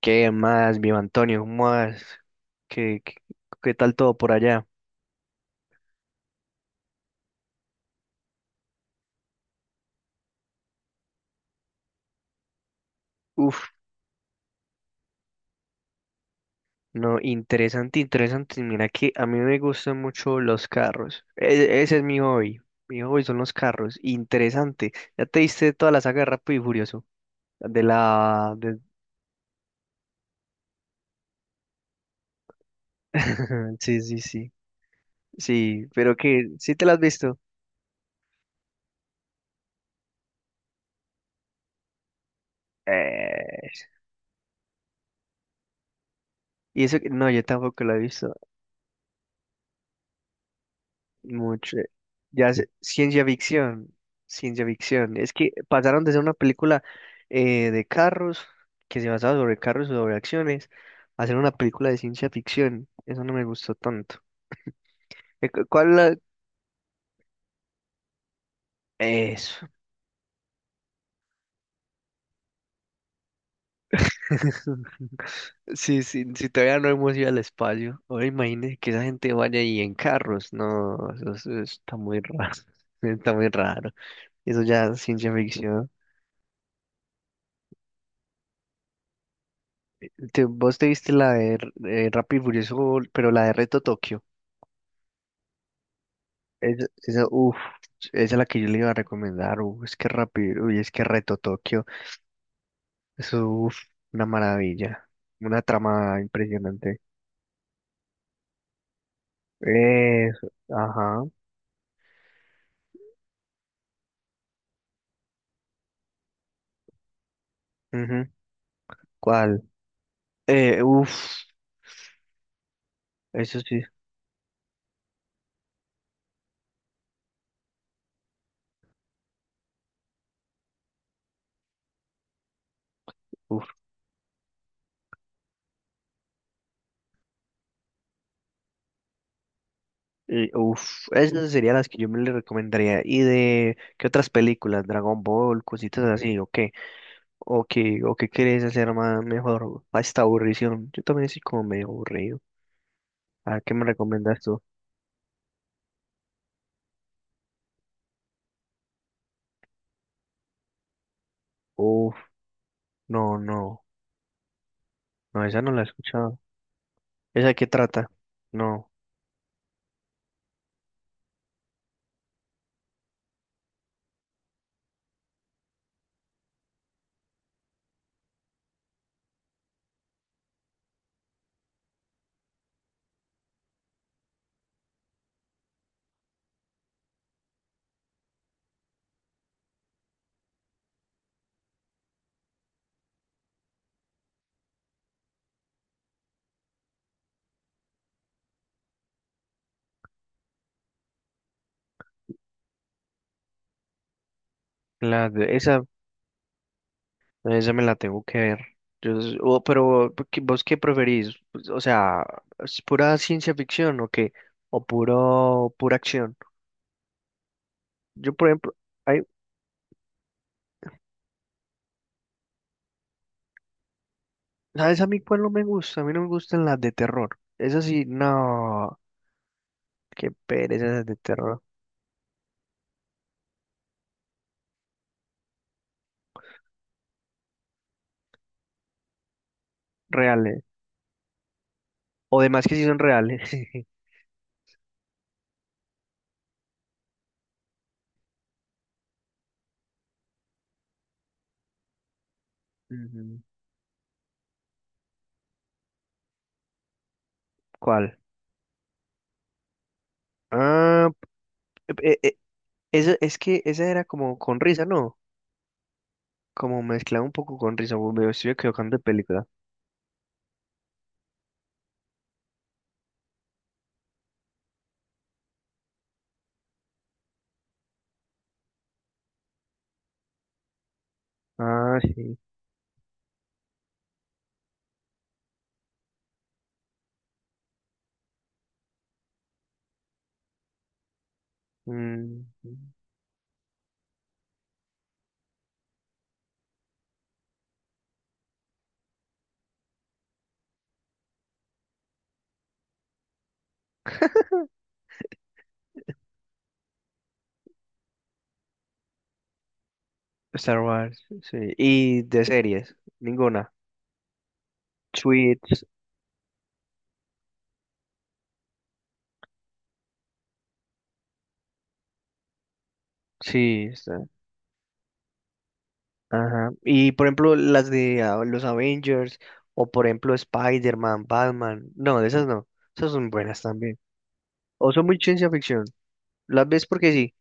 ¿Qué más, mi Antonio? ¿Cómo vas? ¿Qué, qué, qué tal todo por allá? Uf, no, interesante, interesante. Mira que a mí me gustan mucho los carros. Ese es mi hobby. Mi hobby son los carros. Interesante. ¿Ya te diste toda la saga de Rápido y Furioso? De la... de- Sí, sí, sí. ¿Sí te la has visto? Eh... Y no, yo tampoco la he visto. Mucho. Ya sé, ciencia ficción, ciencia ficción. Es que pasaron de ser una película de carros, que se basaba sobre carros y sobre acciones, a ser una película de ciencia ficción. Eso no me gustó tanto. ¿Cuál eso? Sí, sí, si todavía no hemos ido al espacio. Ahora imagínese que esa gente vaya ahí en carros. No, eso está muy raro. Está muy raro. Eso ya es ciencia ficción. Vos te viste la de Rápido y Furioso, pero la de Reto Tokio. Esa, esa es la que yo le iba a recomendar. Uf, es que rápido, uy, es que Reto Tokio. Eso, uf, una maravilla. Una trama impresionante. Eso, ajá. Ujú. ¿Cuál? Eh, uf, eso sí. Uf, esas serían las que yo me le recomendaría. ¿Y de qué otras películas? Dragon Ball, cositas así, ¿o qué? ¿O qué quieres hacer más mejor a esta aburrición? Yo también soy como medio aburrido. ¿A qué me recomiendas tú? Uf, no, no. No, esa no la he escuchado. ¿Esa qué trata? No, la de esa, esa me la tengo que ver. Yo, pero ¿vos qué preferís? Pues, o sea, ¿es pura ciencia ficción o qué? ¿O puro, pura acción? Yo, por ejemplo, hay, ¿sabes a mí cuál no me gusta? A mí no me gustan las de terror. Esas sí, no, qué pereza esas de terror. Reales. O demás que sí son reales. Ujú. ¿Cuál? Ah, p- eh, eh, esa, es que esa era como con risa, ¿no? Como mezclado un poco con risa, me estoy equivocando de película. Ah, sí. Mm. Star Wars, sí. Y de series, ninguna. Tweets, sí, está. Ajá. Y por ejemplo, las de los Avengers, o por ejemplo, Spider-Man, Batman. No, de esas no. Esas son buenas también. O son muy ciencia ficción. Las ves porque sí.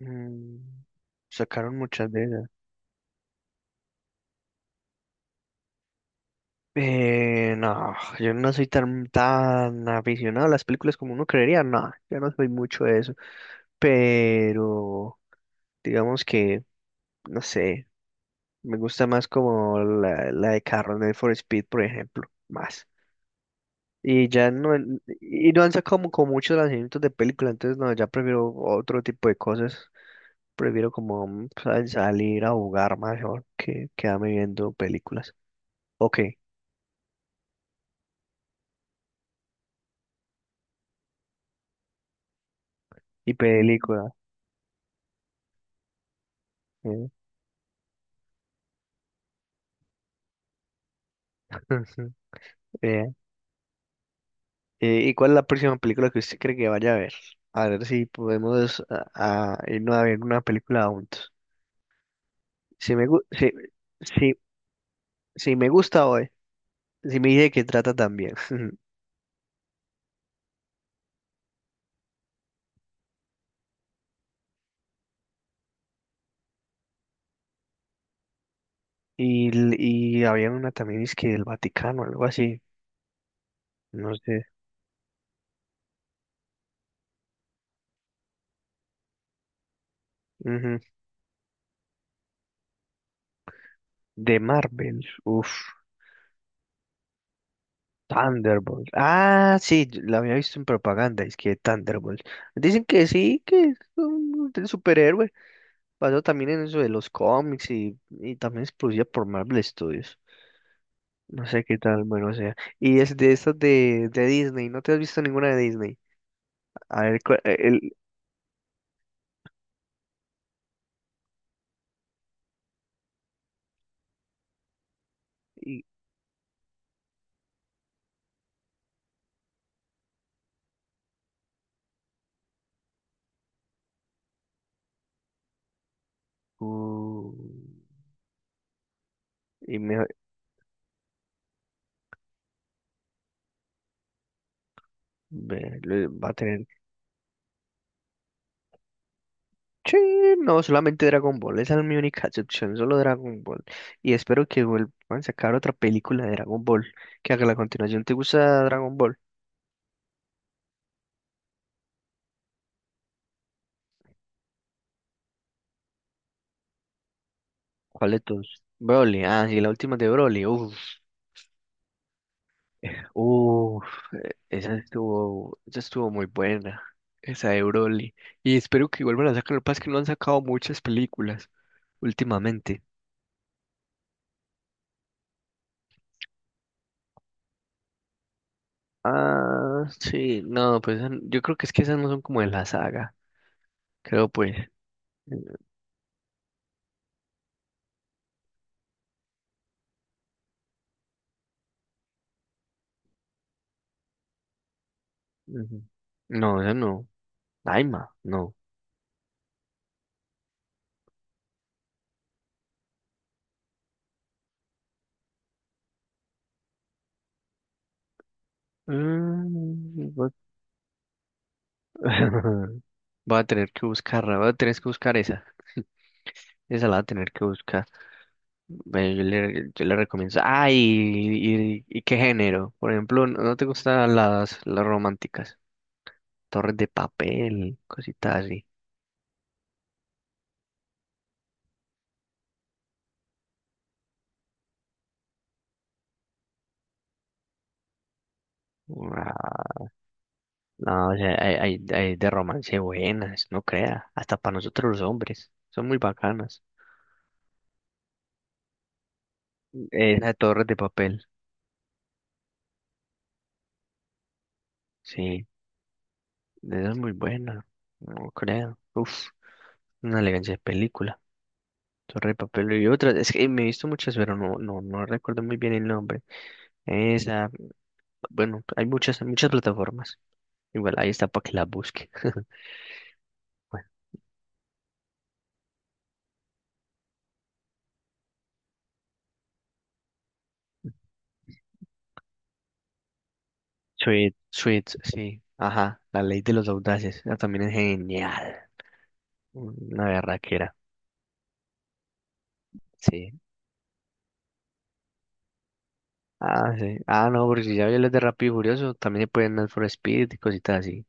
Mm, sacaron muchas veces. No, yo no soy tan aficionado a las películas como uno creería, no, yo no soy mucho de eso, pero digamos que, no sé, me gusta más como la de Carro Need for Speed, por ejemplo, más. Y ya no, y no han sacado como, como muchos lanzamientos de película, entonces no, ya prefiero otro tipo de cosas, prefiero como salir a jugar mejor que quedarme viendo películas. Ok, y película. eh, ¿y cuál es la próxima película que usted cree que vaya a ver? A ver si podemos a irnos a ver una película juntos. Si si, si me gusta hoy, si me dice que trata también. Y había una también, es que del Vaticano, algo así. No sé. Ujú. De Marvel. Uf. Thunderbolt. Ah, sí, yo la había visto en propaganda, es que Thunderbolt. Dicen que sí, que es un superhéroe. Pasó también en eso de los cómics y también es producida por Marvel Studios. No sé qué tal, bueno, o sea. Y es de estas de Disney. ¿No te has visto ninguna de Disney? A ver, el... Y, uh, y me, Va a tener... Sí, no, solamente Dragon Ball, esa no es mi única excepción, solo Dragon Ball. Y espero que vuelvan a sacar otra película de Dragon Ball, que haga la continuación. ¿Te gusta Dragon Ball? ¿Cuál de todos? Broly, ah, sí, la última de Broly, uff. Esa estuvo muy buena, esa de Broly. Y espero que vuelvan a sacar. Lo que pasa es que no han sacado muchas películas últimamente. Ah, sí, no, pues esa, yo creo que es que esas no son como de la saga. Creo pues. Ujú. No, esa no. Daima, no. Mm, va- Voy a tener que buscarla, voy a tener que buscar esa. Esa la voy a tener que buscar. Bueno, yo yo le recomiendo. Y qué género. Por ejemplo, ¿ no te gustan las románticas? Torres de papel, cositas así. Ah, no, o sea, hay, hay de romance buenas, no crea. Hasta para nosotros los hombres. Son muy bacanas. Esa de Torres de papel. Sí, esa es muy buena. No creo. Uf, una elegancia de película. Torres de papel y otras. Es que me he visto muchas, pero no, no, no recuerdo muy bien el nombre. Esa. Bueno, hay muchas, muchas plataformas. Igual ahí está para que la busque. Sweet, Sweet, sí. Ajá, la ley de los audaces. Ah, también es genial. Una berraquera. Sí. Ah, sí. Ah, no, porque si ya vi los de Rápido y Furioso, también se pueden Need for Speed y cositas así.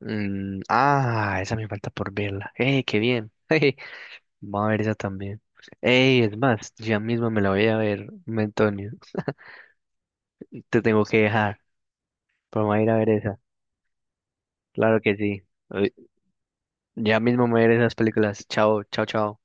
Mm, ah, esa me falta por verla. ¡Eh, qué bien! Jeje, vamos a ver esa también. ¡Ey, es más! Ya mismo me la voy a ver, Antonio. Te tengo que dejar. Pero vamos a ir a ver esa. Claro que sí. Ya mismo me veré esas películas. Chao, chao, chao.